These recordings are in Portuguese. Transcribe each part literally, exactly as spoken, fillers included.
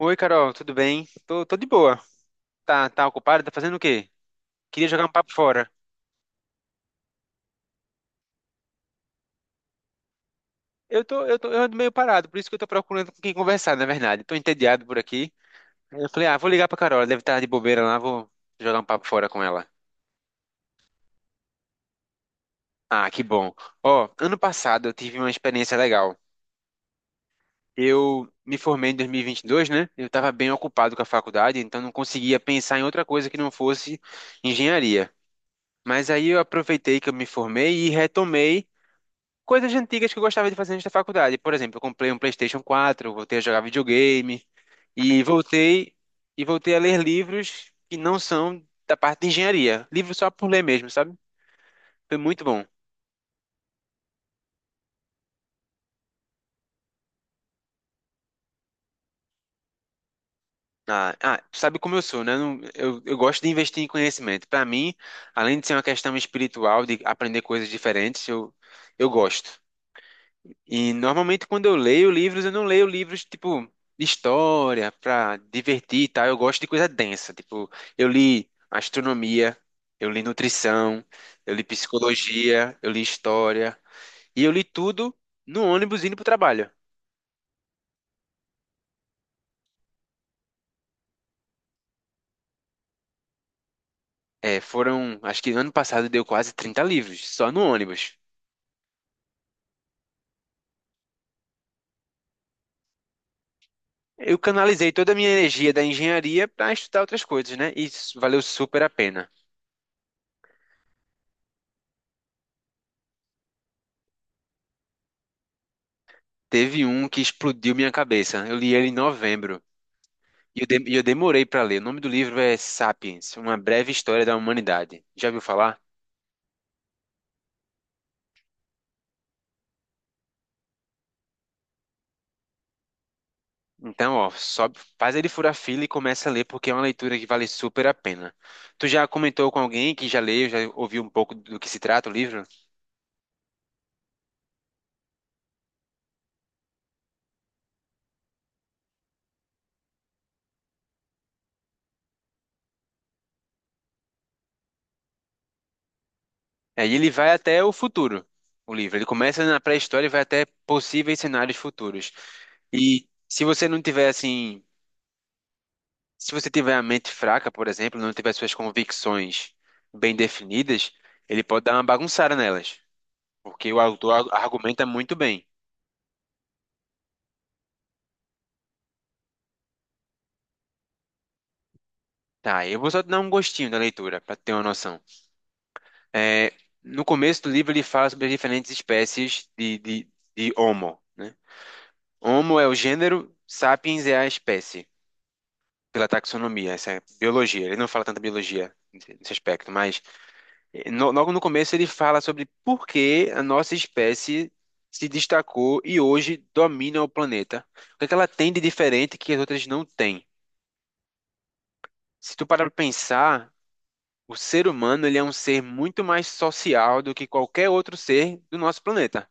Oi, Carol, tudo bem? Tô, tô de boa. Tá, tá ocupado? Tá fazendo o quê? Queria jogar um papo fora. Eu tô, eu tô, eu ando meio parado, por isso que eu tô procurando com quem conversar, na verdade. Tô entediado por aqui. Aí eu falei, ah, vou ligar pra Carol, ela deve estar de bobeira lá, vou jogar um papo fora com ela. Ah, que bom. Ó, ano passado eu tive uma experiência legal. Eu me formei em dois mil e vinte e dois, né? Eu tava bem ocupado com a faculdade, então não conseguia pensar em outra coisa que não fosse engenharia. Mas aí eu aproveitei que eu me formei e retomei coisas antigas que eu gostava de fazer antes da faculdade. Por exemplo, eu comprei um PlayStation quatro, voltei a jogar videogame e voltei e voltei a ler livros que não são da parte de engenharia, livros só por ler mesmo, sabe? Foi muito bom. Ah, ah, tu sabe como eu sou, né? Não- Eu, eu gosto de investir em conhecimento. Para mim, além de ser uma questão espiritual, de aprender coisas diferentes, eu, eu gosto. E normalmente quando eu leio livros, eu não leio livros tipo de história pra divertir e tal. Eu gosto de coisa densa. Tipo, eu li astronomia, eu li nutrição, eu li psicologia, eu li história. E eu li tudo no ônibus indo pro trabalho. É, foram, acho que ano passado deu quase trinta livros, só no ônibus. Eu canalizei toda a minha energia da engenharia pra estudar outras coisas, né? E isso valeu super a pena. Teve um que explodiu minha cabeça. Eu li ele em novembro. E eu, dem- e eu demorei para ler. O nome do livro é Sapiens, Uma Breve História da Humanidade. Já ouviu falar? Então, ó, sobe, faz ele furar fila e começa a ler, porque é uma leitura que vale super a pena. Tu já comentou com alguém que já leu, já ouviu um pouco do que se trata o livro? É, e ele vai até o futuro, o livro. Ele começa na pré-história e vai até possíveis cenários futuros. E se você não tiver, assim, se você tiver a mente fraca, por exemplo, não tiver suas convicções bem definidas, ele pode dar uma bagunçada nelas. Porque o autor ar- argumenta muito bem. Tá, eu vou só dar um gostinho da leitura, para ter uma noção. É, no começo do livro, ele fala sobre as diferentes espécies de, de, de Homo, né? Homo é o gênero, Sapiens é a espécie, pela taxonomia, essa é a biologia. Ele não fala tanta biologia nesse nesse aspecto, mas eh, no- logo no começo ele fala sobre por que a nossa espécie se destacou e hoje domina o planeta. O que é que ela tem de diferente que as outras não têm? Se tu parar para pensar, o ser humano, ele é um ser muito mais social do que qualquer outro ser do nosso planeta.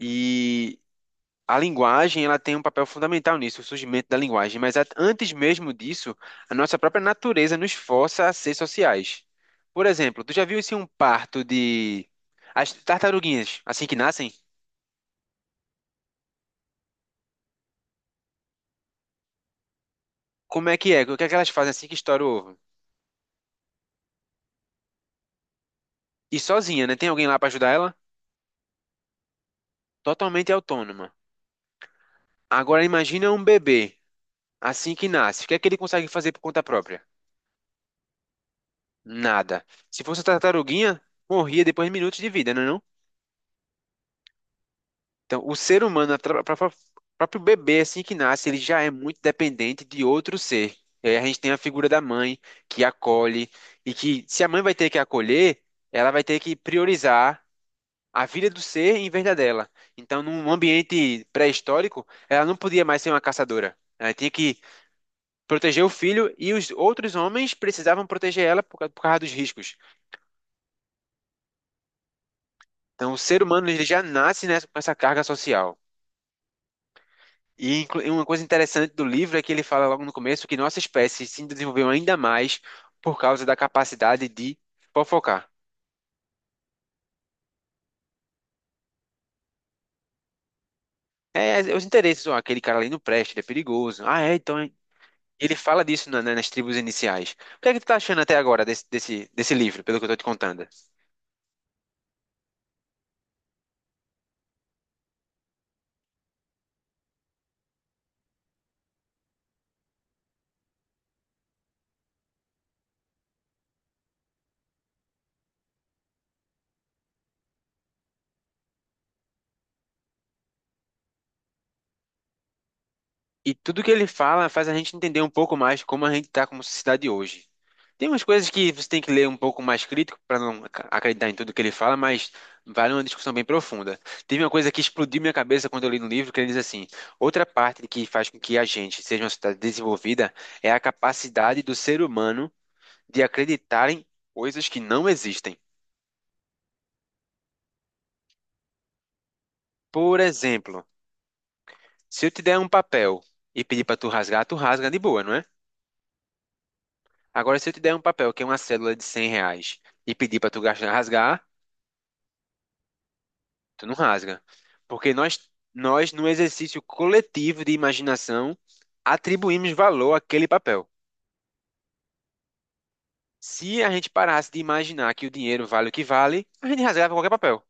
E a linguagem, ela tem um papel fundamental nisso, o surgimento da linguagem. Mas a- antes mesmo disso, a nossa própria natureza nos força a ser sociais. Por exemplo, tu já viu assim um parto de as tartaruguinhas, assim que nascem? Como é que é? O que é que elas fazem assim que estoura o ovo? E sozinha, né? Tem alguém lá para ajudar ela? Totalmente autônoma. Agora imagina um bebê assim que nasce. O que é que ele consegue fazer por conta própria? Nada. Se fosse uma tartaruguinha, morria depois de minutos de vida, não é não? Então, o ser humano, a tra- pra- pra- próprio bebê, assim que nasce, ele já é muito dependente de outro ser. E aí a gente tem a figura da mãe, que acolhe, e que, se a mãe vai ter que acolher, ela vai ter que priorizar a vida do ser em vez da dela. Então, num ambiente pré-histórico, ela não podia mais ser uma caçadora. Ela tinha que proteger o filho e os outros homens precisavam proteger ela por ca- por causa dos riscos. Então, o ser humano ele já nasce nessa, com essa carga social. E inclu- e uma coisa interessante do livro é que ele fala logo no começo que nossa espécie se desenvolveu ainda mais por causa da capacidade de fofocar. É, é os interesses, ó, aquele cara ali não presta, ele é perigoso. Ah, é, então. É. Ele fala disso na- na- nas tribos iniciais. O que é que tu tá achando até agora desse, desse, desse livro, pelo que eu tô te contando? E tudo que ele fala faz a gente entender um pouco mais como a gente tá como sociedade hoje. Tem umas coisas que você tem que ler um pouco mais crítico para não ac- acreditar em tudo que ele fala, mas vale uma discussão bem profunda. Teve uma coisa que explodiu minha cabeça quando eu li no livro, que ele diz assim: outra parte que faz com que a gente seja uma sociedade desenvolvida é a capacidade do ser humano de acreditar em coisas que não existem. Por exemplo, se eu te der um papel e pedir para tu rasgar, tu rasga de boa, não é? Agora, se eu te der um papel que é uma cédula de cem reais e pedir para tu gastar, rasgar, tu não rasga. Porque nós, nós, no exercício coletivo de imaginação, atribuímos valor àquele papel. Se a gente parasse de imaginar que o dinheiro vale o que vale, a gente rasgava qualquer papel.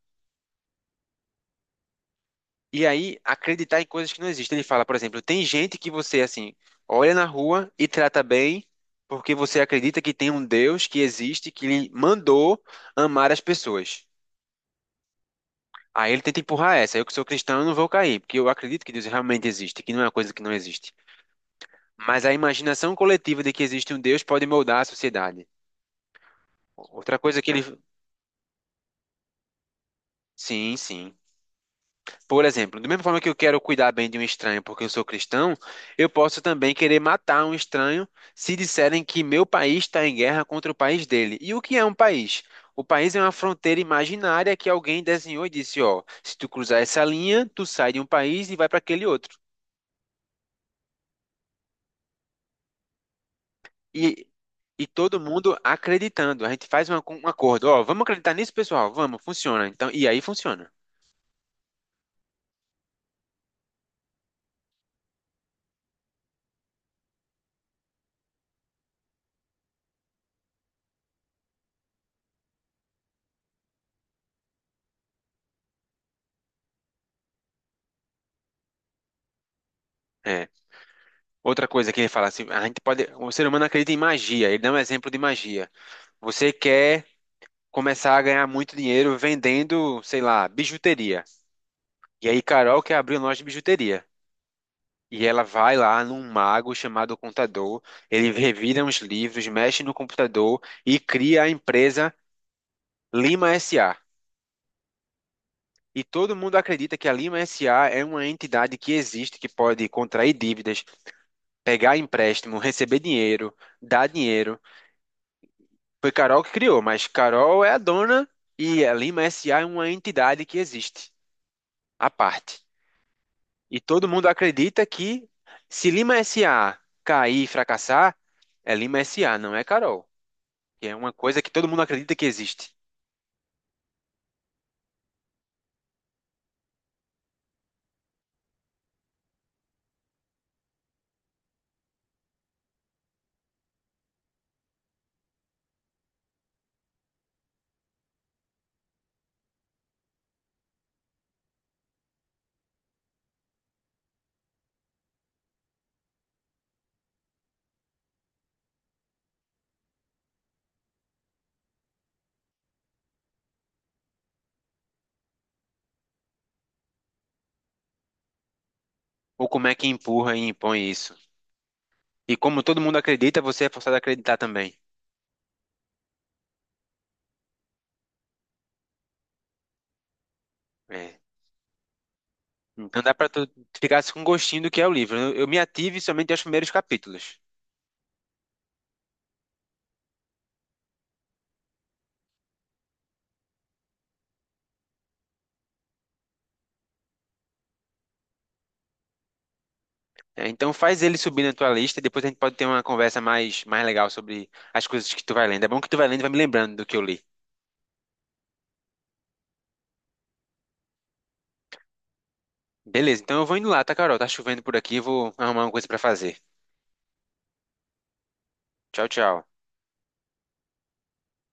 E aí, acreditar em coisas que não existem. Ele fala, por exemplo, tem gente que você, assim, olha na rua e trata bem porque você acredita que tem um Deus que existe, que lhe mandou amar as pessoas. Aí ele tenta empurrar essa. Eu que sou cristão, eu não vou cair, porque eu acredito que Deus realmente existe, que não é uma coisa que não existe. Mas a imaginação coletiva de que existe um Deus pode moldar a sociedade. Outra coisa que ele. Sim, sim. Por exemplo, da mesma forma que eu quero cuidar bem de um estranho porque eu sou cristão, eu posso também querer matar um estranho se disserem que meu país está em guerra contra o país dele. E o que é um país? O país é uma fronteira imaginária que alguém desenhou e disse: ó, se tu cruzar essa linha, tu sai de um país e vai para aquele outro. E, e todo mundo acreditando. A gente faz uma- um acordo. Ó, vamos acreditar nisso, pessoal? Vamos, funciona. Então, e aí funciona. É. Outra coisa que ele fala assim, a gente pode, o ser humano acredita em magia. Ele dá um exemplo de magia. Você quer começar a ganhar muito dinheiro vendendo, sei lá, bijuteria. E aí Carol quer abrir uma loja de bijuteria. E ela vai lá num mago chamado Contador, ele revira uns livros, mexe no computador e cria a empresa Lima S A. E todo mundo acredita que a Lima S A é uma entidade que existe, que pode contrair dívidas, pegar empréstimo, receber dinheiro, dar dinheiro. Foi Carol que criou, mas Carol é a dona e a Lima S A é uma entidade que existe, à parte. E todo mundo acredita que se Lima S A cair e fracassar, é Lima S A, não é Carol. Que é uma coisa que todo mundo acredita que existe. Ou como é que empurra e impõe isso? E como todo mundo acredita, você é forçado a acreditar também. É, não dá pra tu ficar assim com gostinho do que é o livro. Eu, eu me ative somente aos primeiros capítulos. É, então faz ele subir na tua lista, depois a gente pode ter uma conversa mais, mais legal sobre as coisas que tu vai lendo. É bom que tu vai lendo e vai me lembrando do que eu li. Beleza, então eu vou indo lá, tá, Carol? Tá chovendo por aqui, vou arrumar uma coisa pra fazer. Tchau, tchau.